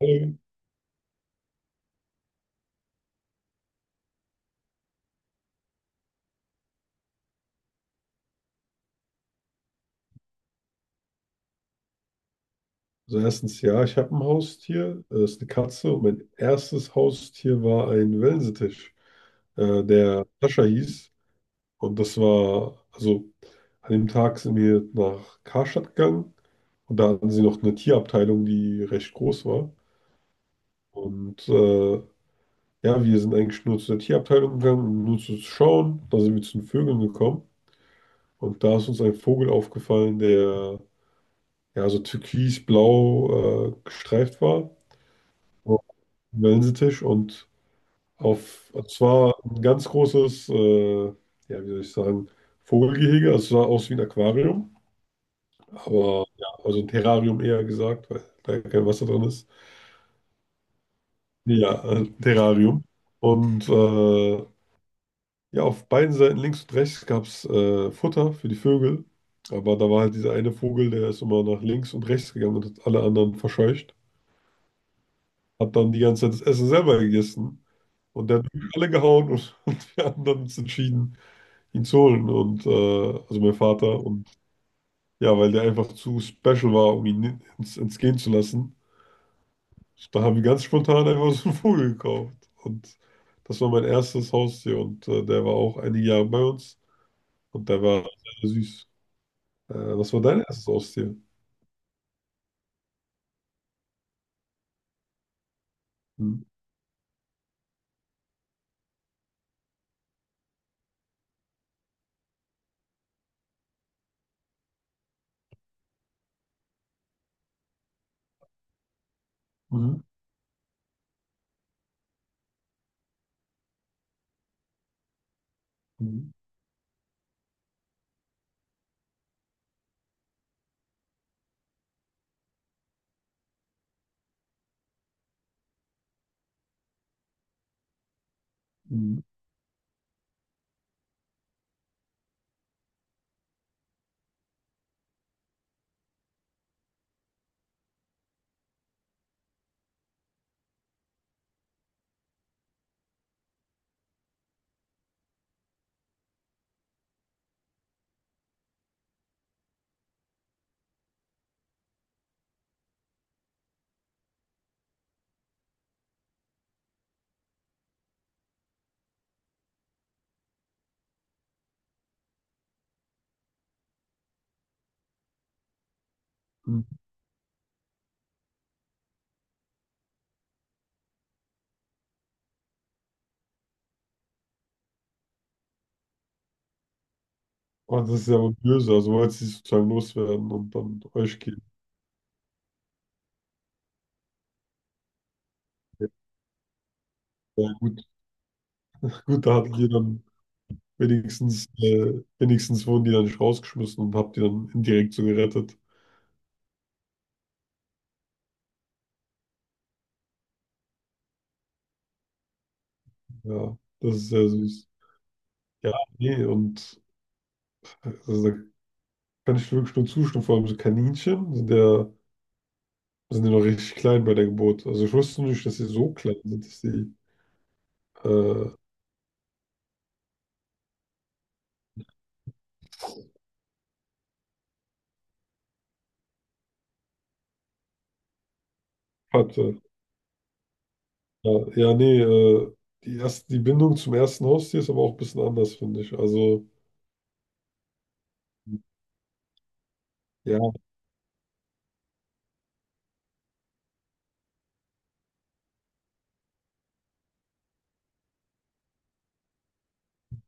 Ähm, Also erstens, ja, ich habe ein Haustier, das ist eine Katze und mein erstes Haustier war ein Wellensittich, der Sascha hieß. Und das war, also an dem Tag sind wir nach Karstadt gegangen und da hatten sie noch eine Tierabteilung, die recht groß war. Und ja, wir sind eigentlich nur zu der Tierabteilung gegangen, um nur zu schauen. Da sind wir zu den Vögeln gekommen und da ist uns ein Vogel aufgefallen, der ja so türkisblau gestreift war. Wellensittisch und auf, es war ein ganz großes, ja, wie soll ich sagen, Vogelgehege. Also es sah aus wie ein Aquarium, aber ja, also ein Terrarium eher gesagt, weil da kein Wasser drin ist. Nee, ja, ein Terrarium. Und ja, auf beiden Seiten, links und rechts, gab es Futter für die Vögel. Aber da war halt dieser eine Vogel, der ist immer nach links und rechts gegangen und hat alle anderen verscheucht. Hat dann die ganze Zeit das Essen selber gegessen. Und der hat alle gehauen und, und wir anderen uns entschieden, ihn zu holen. Und also mein Vater. Und ja, weil der einfach zu special war, um ihn ins, ins gehen zu lassen. Da haben wir ganz spontan einfach so einen Vogel gekauft. Und das war mein erstes Haustier. Und der war auch einige Jahre bei uns. Und der war sehr süß. Was war dein erstes Haustier? Mhm. Mhm. Mhm. Mhm. Mhm. Oh, das ist ja wohl böse. Also wollt ihr sozusagen loswerden und dann euch geben. Ja, gut, gut, da hattet ihr dann. Wenigstens, wenigstens wurden die dann nicht rausgeschmissen und hab die dann indirekt so gerettet. Ja, das ist sehr süß. Ja, nee, und also, da kann ich wirklich nur zustimmen. Vor allem so Kaninchen sind ja noch richtig klein bei der Geburt. Also ich wusste nicht, dass sie so klein sind, dass sie äh, hatte. Ja, ja, nee, die erste, die Bindung zum ersten Haustier ist aber auch ein bisschen anders, finde ich. Also, ja,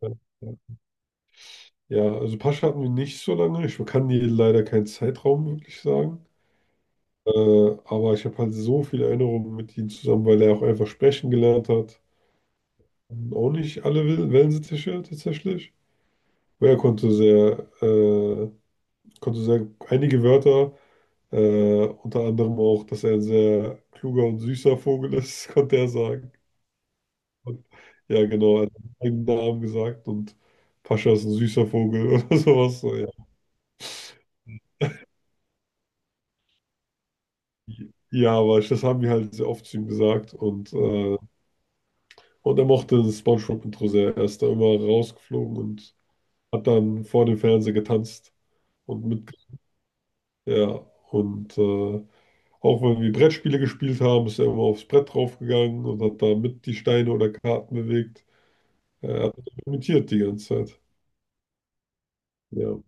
ja, ja, also Pascha hatten wir nicht so lange. Ich kann dir leider keinen Zeitraum wirklich sagen. Aber ich habe halt so viele Erinnerungen mit ihm zusammen, weil er auch einfach sprechen gelernt hat. Auch nicht alle Wellensittiche tatsächlich. Aber er konnte sehr einige Wörter, unter anderem auch, dass er ein sehr kluger und süßer Vogel ist, konnte er sagen. Und, ja, genau, er hat einen eigenen Namen gesagt und Pascha ist ein süßer Vogel oder sowas. So, ja. Ja, aber das haben wir halt sehr oft zu ihm gesagt und und er mochte das SpongeBob-Intro sehr. Er ist da immer rausgeflogen und hat dann vor dem Fernseher getanzt und mit. Ja, und auch wenn wir Brettspiele gespielt haben, ist er immer aufs Brett draufgegangen und hat da mit die Steine oder Karten bewegt. Er hat das imitiert die ganze Zeit. Ja.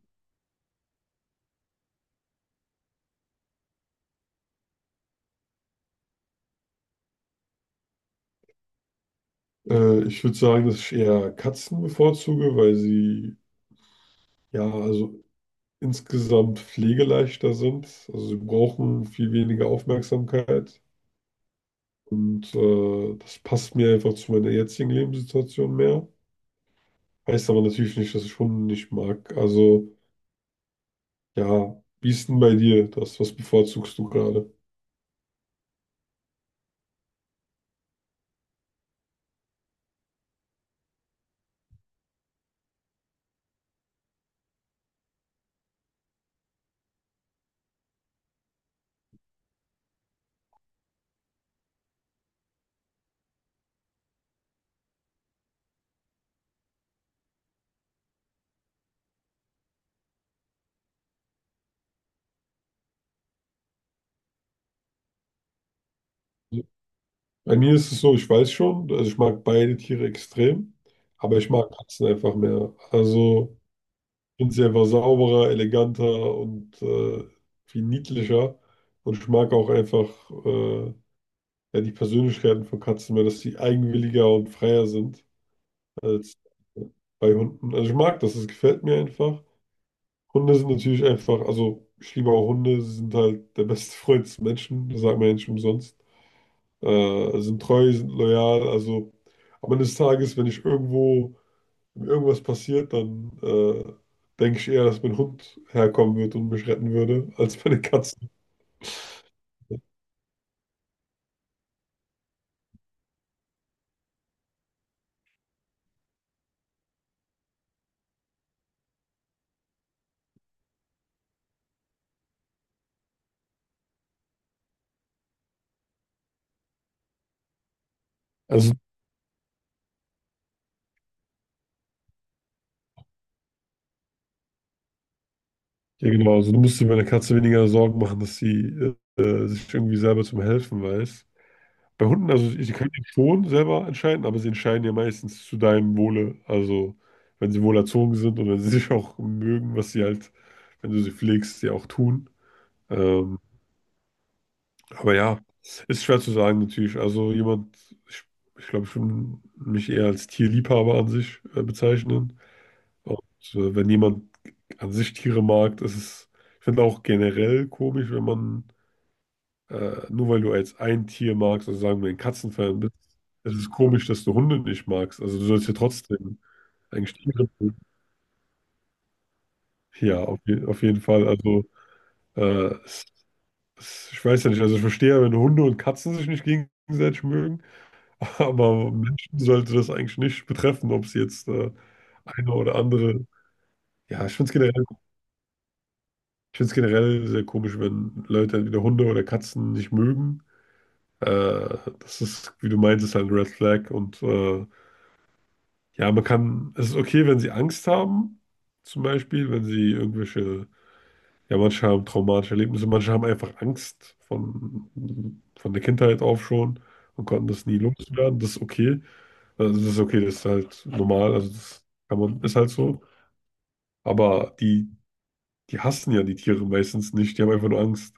Ich würde sagen, dass ich eher Katzen bevorzuge, weil sie ja, also insgesamt pflegeleichter sind. Also sie brauchen viel weniger Aufmerksamkeit. Und das passt mir einfach zu meiner jetzigen Lebenssituation mehr. Heißt aber natürlich nicht, dass ich Hunde nicht mag. Also, ja, wie ist denn bei dir das? Was bevorzugst du gerade? Also, bei mir ist es so, ich weiß schon, also ich mag beide Tiere extrem, aber ich mag Katzen einfach mehr. Also, ich finde sie einfach sauberer, eleganter und viel niedlicher. Und ich mag auch einfach äh, ja, die Persönlichkeiten von Katzen mehr, dass sie eigenwilliger und freier sind. Als bei Hunden. Also ich mag das, es gefällt mir einfach. Hunde sind natürlich einfach, also ich liebe auch Hunde, sie sind halt der beste Freund des Menschen, das sagt man ja nicht umsonst. Sind treu, sind loyal, also am Ende des Tages, wenn ich irgendwo, wenn mir irgendwas passiert, dann denke ich eher, dass mein Hund herkommen wird und mich retten würde, als meine Katze. Also, ja genau, also du musst dir bei einer Katze weniger Sorgen machen, dass sie sich irgendwie selber zum Helfen weiß. Bei Hunden, also sie können ja schon selber entscheiden, aber sie entscheiden ja meistens zu deinem Wohle. Also wenn sie wohl erzogen sind und wenn sie sich auch mögen, was sie halt, wenn du sie pflegst, sie auch tun. Ähm, aber ja, ist schwer zu sagen natürlich. Also jemand, ich, ich glaube, ich würde mich eher als Tierliebhaber an sich bezeichnen. Und wenn jemand an sich Tiere mag, das ist, ich finde auch generell komisch, wenn man nur weil du jetzt ein Tier magst, also sagen wir ein Katzenfan bist, es ist komisch, dass du Hunde nicht magst. Also du sollst ja trotzdem eigentlich Tiere mögen. Ja, auf, je auf jeden Fall. Also äh, es, es, ich weiß ja nicht, also ich verstehe, ja, wenn Hunde und Katzen sich nicht gegenseitig mögen, aber Menschen sollte das eigentlich nicht betreffen, ob es jetzt eine oder andere. Ja, ich finde es generell, ich find's generell sehr komisch, wenn Leute entweder Hunde oder Katzen nicht mögen. Das ist, wie du meintest, halt ein Red Flag und ja, man kann, es ist okay, wenn sie Angst haben, zum Beispiel, wenn sie irgendwelche, ja, manche haben traumatische Erlebnisse, manche haben einfach Angst von der Kindheit auf schon und konnten das nie loswerden, das ist okay. Also das ist okay, das ist halt normal, also das kann man, ist halt so. Aber die, die hassen ja die Tiere meistens nicht, die haben einfach nur Angst.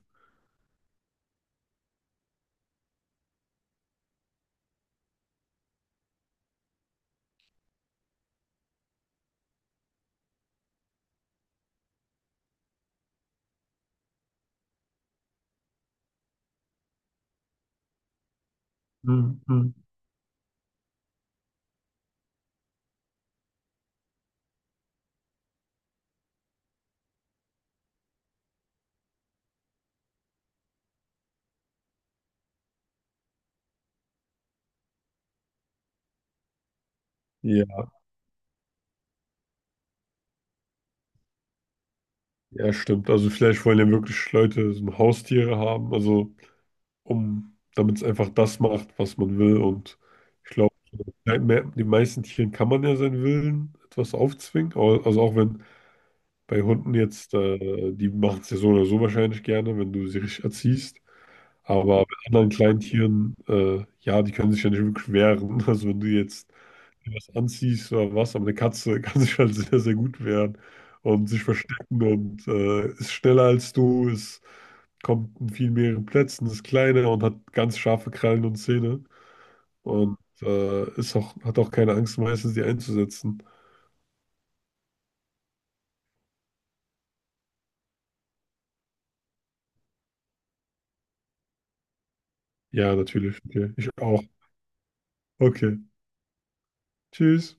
Mhm. Ja, ja, stimmt. Also vielleicht wollen ja wirklich Leute so Haustiere haben, also um, damit es einfach das macht, was man will. Und ich glaube, den meisten Tieren kann man ja seinen Willen etwas aufzwingen. Also auch wenn bei Hunden jetzt, die machen es ja so oder so wahrscheinlich gerne, wenn du sie richtig erziehst. Aber bei anderen kleinen Tieren, ja, die können sich ja nicht wirklich wehren. Also wenn du jetzt was anziehst oder was, aber eine Katze kann sich halt sehr, sehr gut wehren und sich verstecken und ist schneller als du, ist kommt in viel mehreren Plätzen, ist kleiner und hat ganz scharfe Krallen und Zähne und ist auch, hat auch keine Angst, meistens die einzusetzen. Ja, natürlich. Okay. Ich auch. Okay. Tschüss.